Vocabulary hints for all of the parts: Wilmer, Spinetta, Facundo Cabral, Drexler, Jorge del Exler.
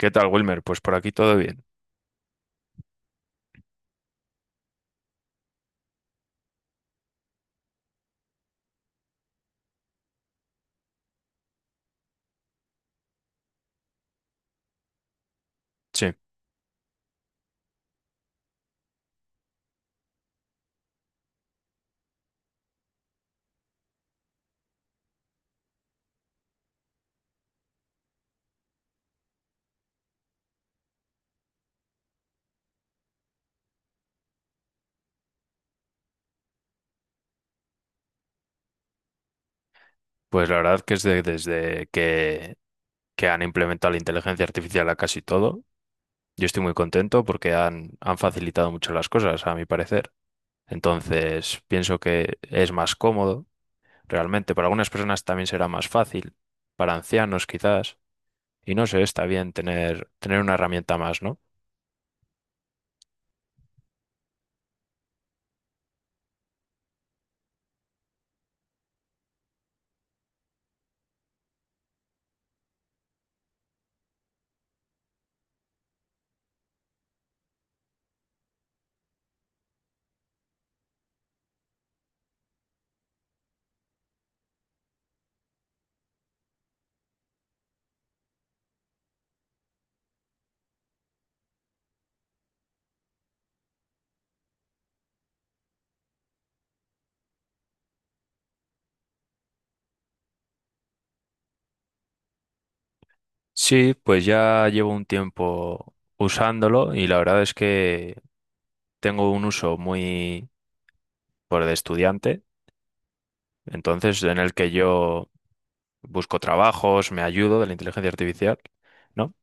¿Qué tal, Wilmer? Pues por aquí todo bien. Sí, pues la verdad que es desde que han implementado la inteligencia artificial a casi todo, yo estoy muy contento porque han facilitado mucho las cosas, a mi parecer. Entonces, pienso que es más cómodo, realmente. Para algunas personas también será más fácil, para ancianos quizás. Y no sé, está bien tener una herramienta más, ¿no? Sí, pues ya llevo un tiempo usándolo y la verdad es que tengo un uso muy por de estudiante, entonces en el que yo busco trabajos, me ayudo de la inteligencia artificial, ¿no?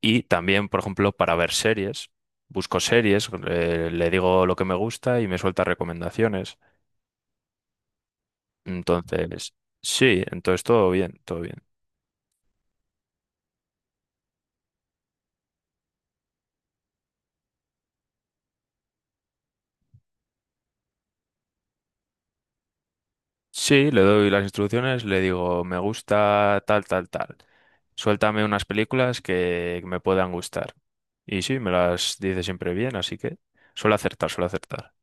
Y también, por ejemplo, para ver series, busco series, le digo lo que me gusta y me suelta recomendaciones. Entonces, sí, entonces todo bien, todo bien. Sí, le doy las instrucciones, le digo, me gusta tal, tal, tal. Suéltame unas películas que me puedan gustar. Y sí, me las dice siempre bien, así que suele acertar, suele acertar.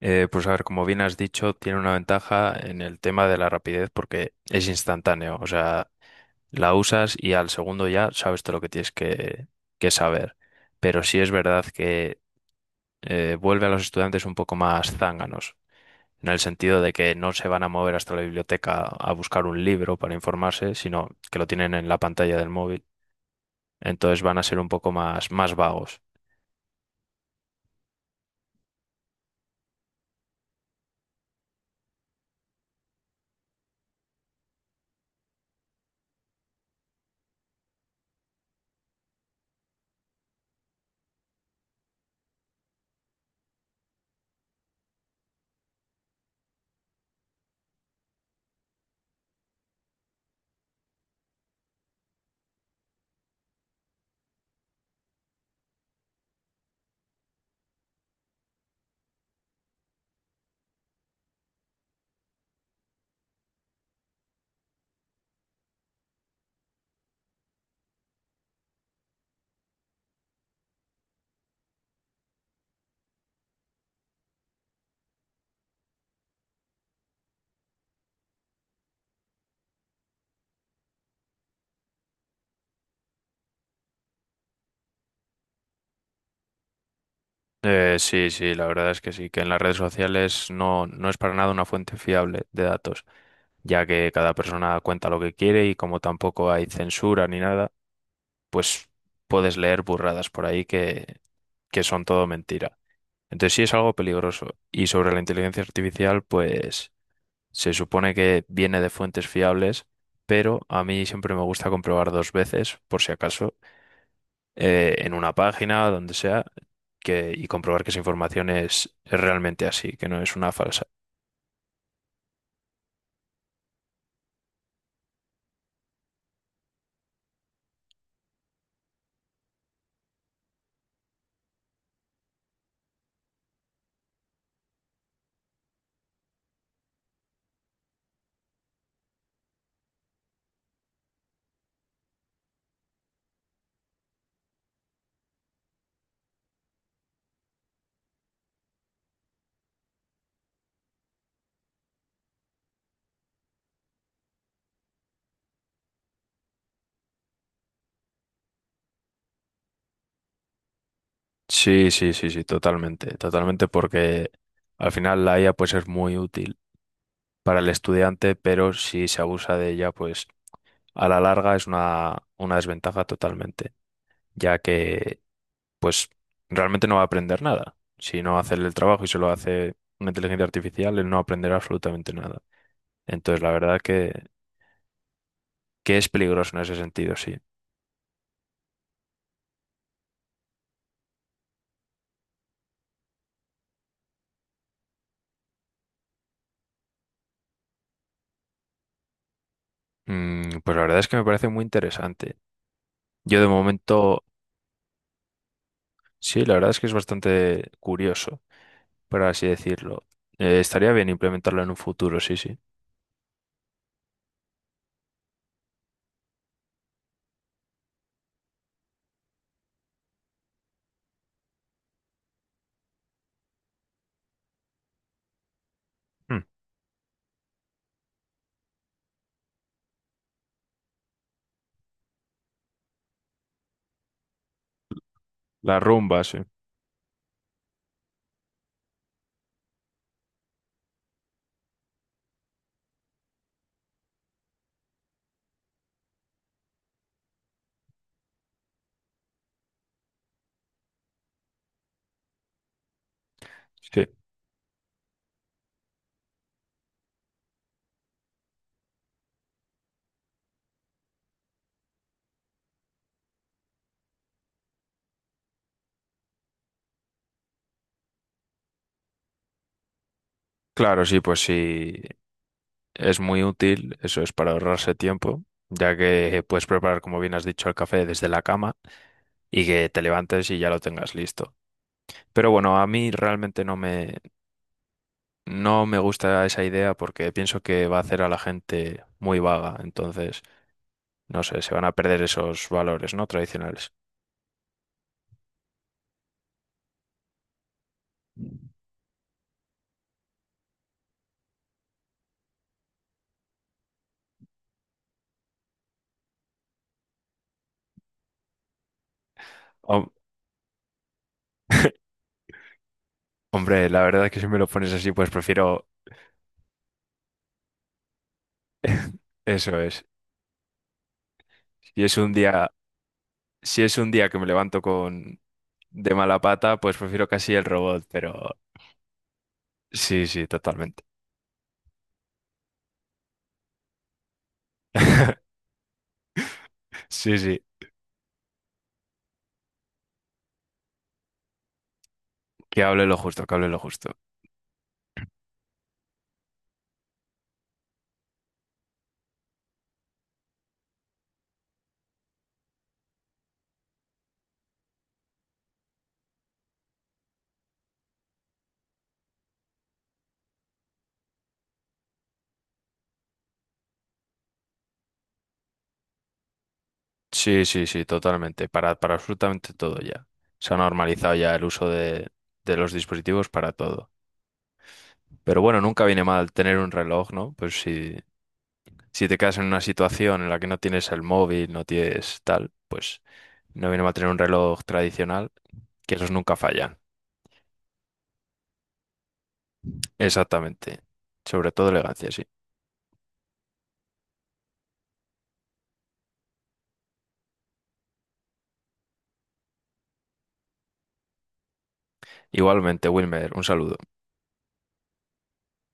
Pues a ver, como bien has dicho, tiene una ventaja en el tema de la rapidez porque es instantáneo. O sea, la usas y al segundo ya sabes todo lo que tienes que, saber. Pero sí es verdad que vuelve a los estudiantes un poco más zánganos, en el sentido de que no se van a mover hasta la biblioteca a buscar un libro para informarse, sino que lo tienen en la pantalla del móvil. Entonces van a ser un poco más, más vagos. Sí, sí, la verdad es que sí, que en las redes sociales no, no es para nada una fuente fiable de datos, ya que cada persona cuenta lo que quiere y como tampoco hay censura ni nada, pues puedes leer burradas por ahí que, son todo mentira. Entonces sí es algo peligroso. Y sobre la inteligencia artificial, pues se supone que viene de fuentes fiables, pero a mí siempre me gusta comprobar dos veces, por si acaso en una página, donde sea, que, y comprobar que esa información es realmente así, que no es una falsa. Sí, sí, sí, sí, totalmente, totalmente, porque al final la IA pues es muy útil para el estudiante, pero si se abusa de ella, pues a la larga es una, desventaja totalmente, ya que pues realmente no va a aprender nada. Si no hace el trabajo y se lo hace una inteligencia artificial, él no aprenderá absolutamente nada. Entonces, la verdad que es peligroso en ese sentido, sí. Pues la verdad es que me parece muy interesante. Yo de momento, sí, la verdad es que es bastante curioso, por así decirlo. Estaría bien implementarlo en un futuro, sí, sí. Mm, La rumba, sí. Sí. Claro, sí, pues sí, es muy útil, eso es para ahorrarse tiempo, ya que puedes preparar, como bien has dicho, el café desde la cama y que te levantes y ya lo tengas listo. Pero bueno, a mí realmente no me gusta esa idea porque pienso que va a hacer a la gente muy vaga, entonces... No sé, se van a perder esos valores, ¿no? Tradicionales. Hom- Hombre, la verdad es que si me lo pones así, pues prefiero eso es. Si es un día, si es un día que me levanto con de mala pata, pues prefiero casi el robot, pero sí, sí, totalmente. Sí, sí, que hable lo justo, que hable lo justo. Sí, sí, sí, totalmente. Para absolutamente todo ya. Se ha normalizado ya el uso de los dispositivos para todo. Pero bueno, nunca viene mal tener un reloj, ¿no? Pues sí, si te quedas en una situación en la que no tienes el móvil, no tienes tal, pues no viene mal tener un reloj tradicional, que esos nunca fallan. Exactamente. Sobre todo elegancia, sí. Igualmente, Wilmer, un saludo.